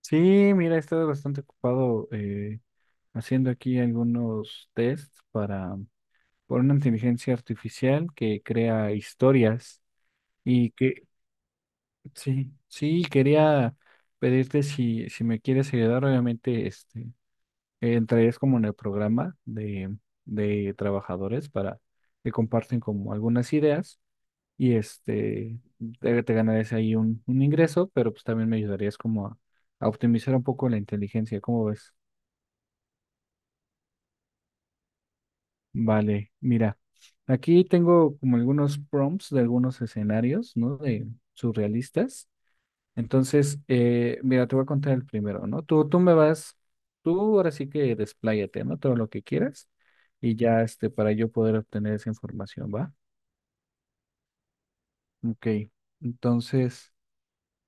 Sí, mira, he estado bastante ocupado haciendo aquí algunos tests para por una inteligencia artificial que crea historias y que sí, quería pedirte si me quieres ayudar, obviamente, entrarías como en el programa de trabajadores para que comparten como algunas ideas y te ganarías ahí un ingreso, pero pues también me ayudarías como a optimizar un poco la inteligencia, ¿cómo ves? Vale, mira, aquí tengo como algunos prompts de algunos escenarios, ¿no? De surrealistas. Entonces, mira, te voy a contar el primero, ¿no? Tú me vas, tú ahora sí que despláyate, ¿no? Todo lo que quieras y ya, para yo poder obtener esa información, ¿va? Ok, entonces,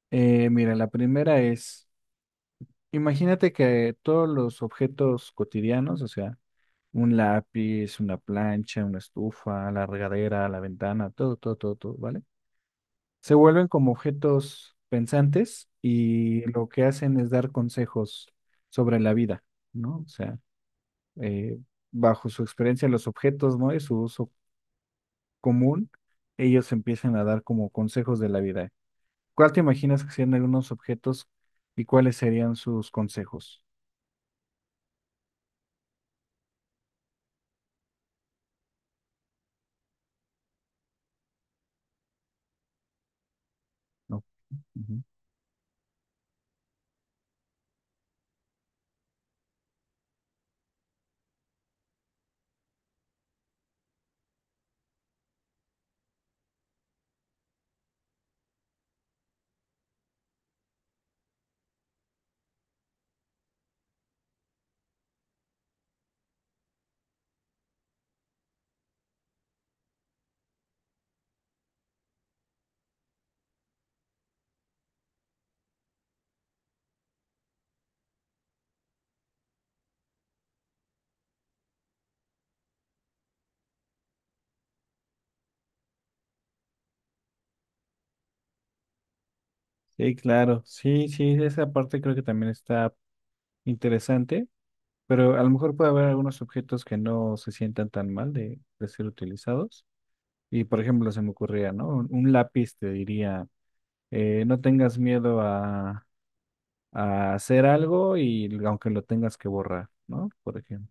mira, la primera es, imagínate que todos los objetos cotidianos, o sea, un lápiz, una plancha, una estufa, la regadera, la ventana, todo, todo, todo, todo, ¿vale? Se vuelven como objetos pensantes y lo que hacen es dar consejos sobre la vida, ¿no? O sea, eh, bajo su experiencia, los objetos, ¿no? Y su uso común, ellos empiezan a dar como consejos de la vida. ¿Cuál te imaginas que serían algunos objetos y cuáles serían sus consejos? ¿No? Ujú. Sí, claro. Sí, sí, esa parte creo que también está interesante. Pero a lo mejor puede haber algunos objetos que no se sientan tan mal de ser utilizados. Y por ejemplo, se me ocurría, ¿no? Un lápiz te diría, no tengas miedo a hacer algo y aunque lo tengas que borrar, ¿no? Por ejemplo.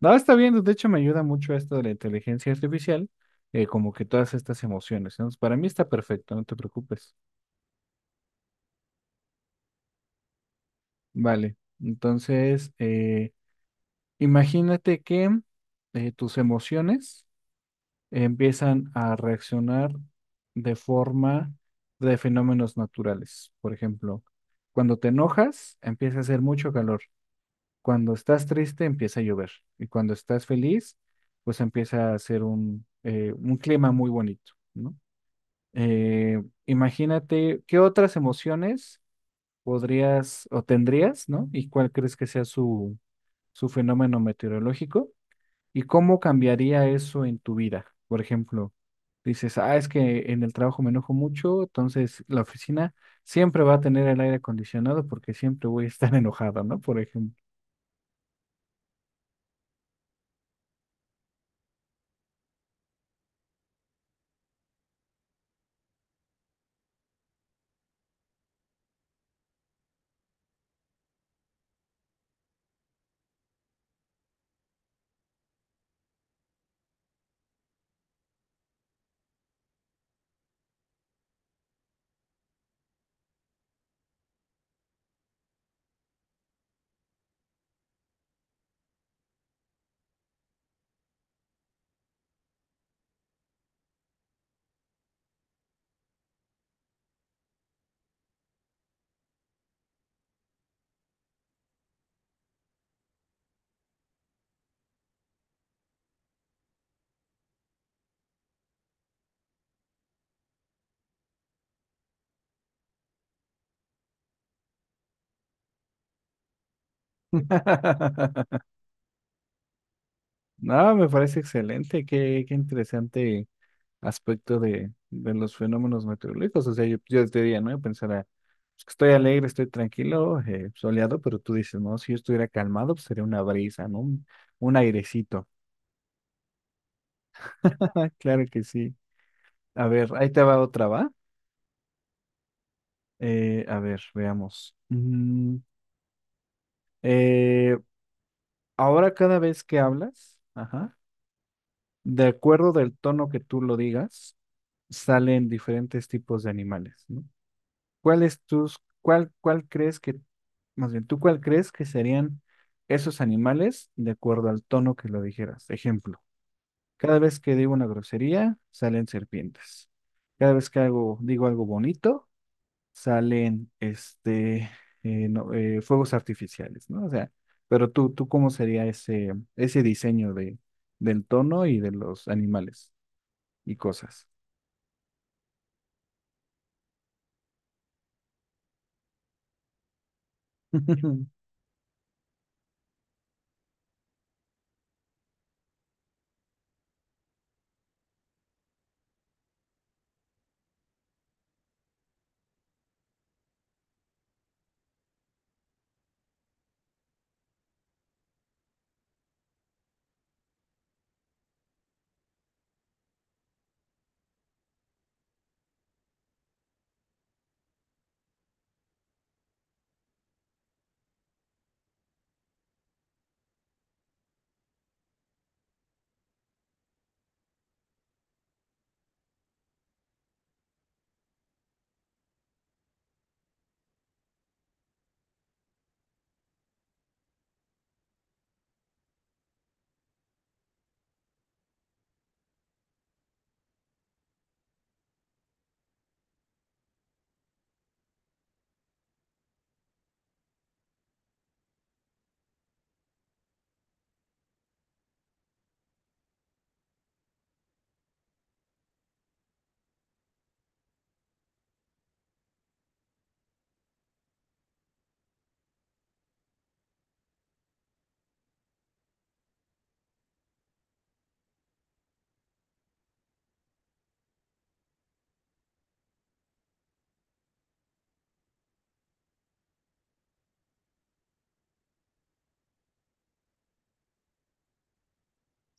No, está bien, de hecho me ayuda mucho esto de la inteligencia artificial, como que todas estas emociones, ¿no? Para mí está perfecto, no te preocupes. Vale, entonces, imagínate que tus emociones empiezan a reaccionar de forma de fenómenos naturales. Por ejemplo, cuando te enojas, empieza a hacer mucho calor. Cuando estás triste, empieza a llover. Y cuando estás feliz, pues empieza a ser un clima muy bonito, ¿no? Imagínate qué otras emociones podrías o tendrías, ¿no? ¿Y cuál crees que sea su, su fenómeno meteorológico? ¿Y cómo cambiaría eso en tu vida? Por ejemplo, dices, ah, es que en el trabajo me enojo mucho, entonces la oficina siempre va a tener el aire acondicionado porque siempre voy a estar enojado, ¿no? Por ejemplo. No, me parece excelente, qué, qué interesante aspecto de los fenómenos meteorológicos. O sea, yo te diría, ¿no? Yo pensara, pues, que estoy alegre, estoy tranquilo, soleado, pero tú dices, no, si yo estuviera calmado, pues sería una brisa, ¿no? Un airecito. Claro que sí. A ver, ahí te va otra, ¿va? A ver, veamos. Eh, ahora cada vez que hablas, ajá, de acuerdo del tono que tú lo digas, salen diferentes tipos de animales, ¿no? ¿Cuál es tus, cuál, cuál crees que, más bien, tú cuál crees que serían esos animales de acuerdo al tono que lo dijeras? Ejemplo, cada vez que digo una grosería, salen serpientes. Cada vez que hago, digo algo bonito, salen fuegos artificiales, ¿no? O sea, pero tú ¿cómo sería ese, ese diseño de, del tono y de los animales y cosas?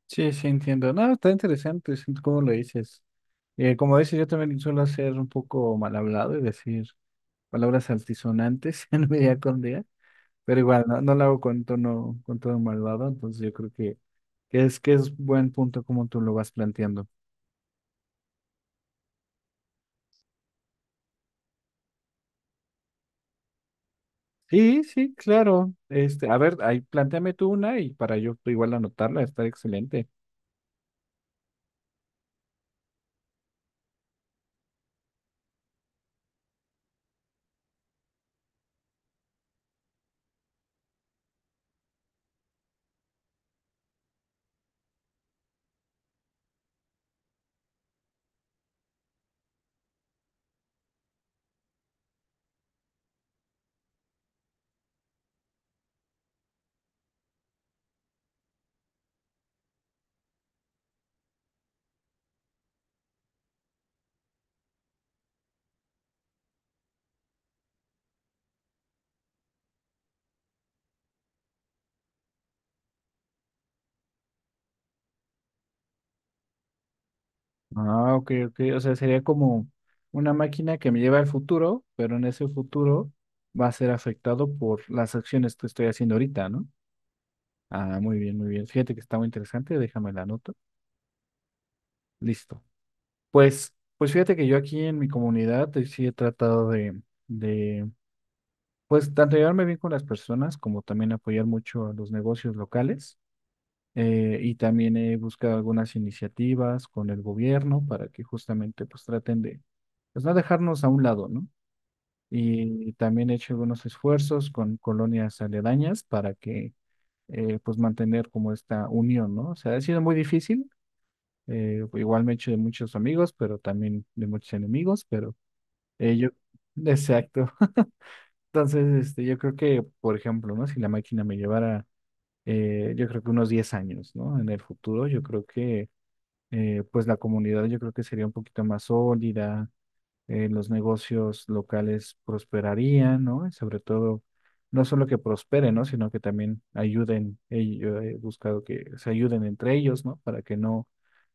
Sí, sí, entiendo. No, está interesante, sí, cómo lo dices. Como dices, yo también suelo ser un poco mal hablado y decir palabras altisonantes en mi día con día, pero igual no, no lo hago con tono malvado, entonces yo creo que es buen punto como tú lo vas planteando. Sí, sí, claro. Este, a ver, ahí plantéame tú una y para yo igual anotarla, está excelente. Ah, ok, ok. O sea, sería como una máquina que me lleva al futuro, pero en ese futuro va a ser afectado por las acciones que estoy haciendo ahorita, ¿no? Ah, muy bien, muy bien. Fíjate que está muy interesante, déjame la nota. Listo. Pues, pues fíjate que yo aquí en mi comunidad sí he tratado de pues, tanto llevarme bien con las personas como también apoyar mucho a los negocios locales. Y también he buscado algunas iniciativas con el gobierno para que justamente pues traten de pues no dejarnos a un lado, ¿no? Y también he hecho algunos esfuerzos con colonias aledañas para que pues mantener como esta unión, ¿no? O sea, ha sido muy difícil, igual me he hecho de muchos amigos, pero también de muchos enemigos, pero yo, exacto. Entonces, yo creo que, por ejemplo, ¿no? Si la máquina me llevara, yo creo que unos 10 años, ¿no? En el futuro, yo creo que pues la comunidad yo creo que sería un poquito más sólida, los negocios locales prosperarían, ¿no? Y sobre todo, no solo que prosperen, ¿no? Sino que también ayuden, yo he buscado que se ayuden entre ellos, ¿no? Para que no,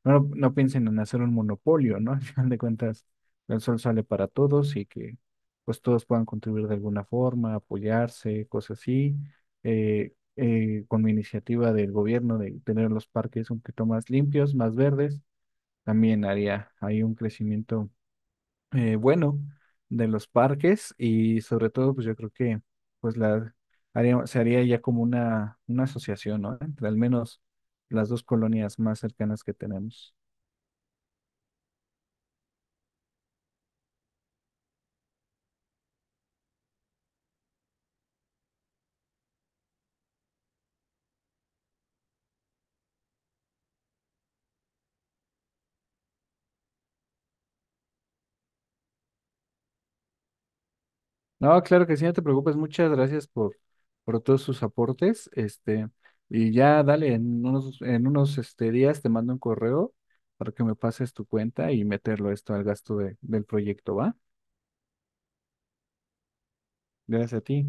no, no piensen en hacer un monopolio, ¿no? Al final de cuentas, el sol sale para todos y que pues todos puedan contribuir de alguna forma, apoyarse, cosas así. Eh, con mi iniciativa del gobierno de tener los parques un poquito más limpios, más verdes, también haría, hay un crecimiento bueno de los parques y sobre todo, pues yo creo que pues la haría- se haría ya como una asociación, ¿no? Entre al menos las dos colonias más cercanas que tenemos. No, claro que sí, no te preocupes, muchas gracias por todos sus aportes, y ya dale, en unos este, días te mando un correo para que me pases tu cuenta y meterlo esto al gasto de- del proyecto, ¿va? Gracias a ti.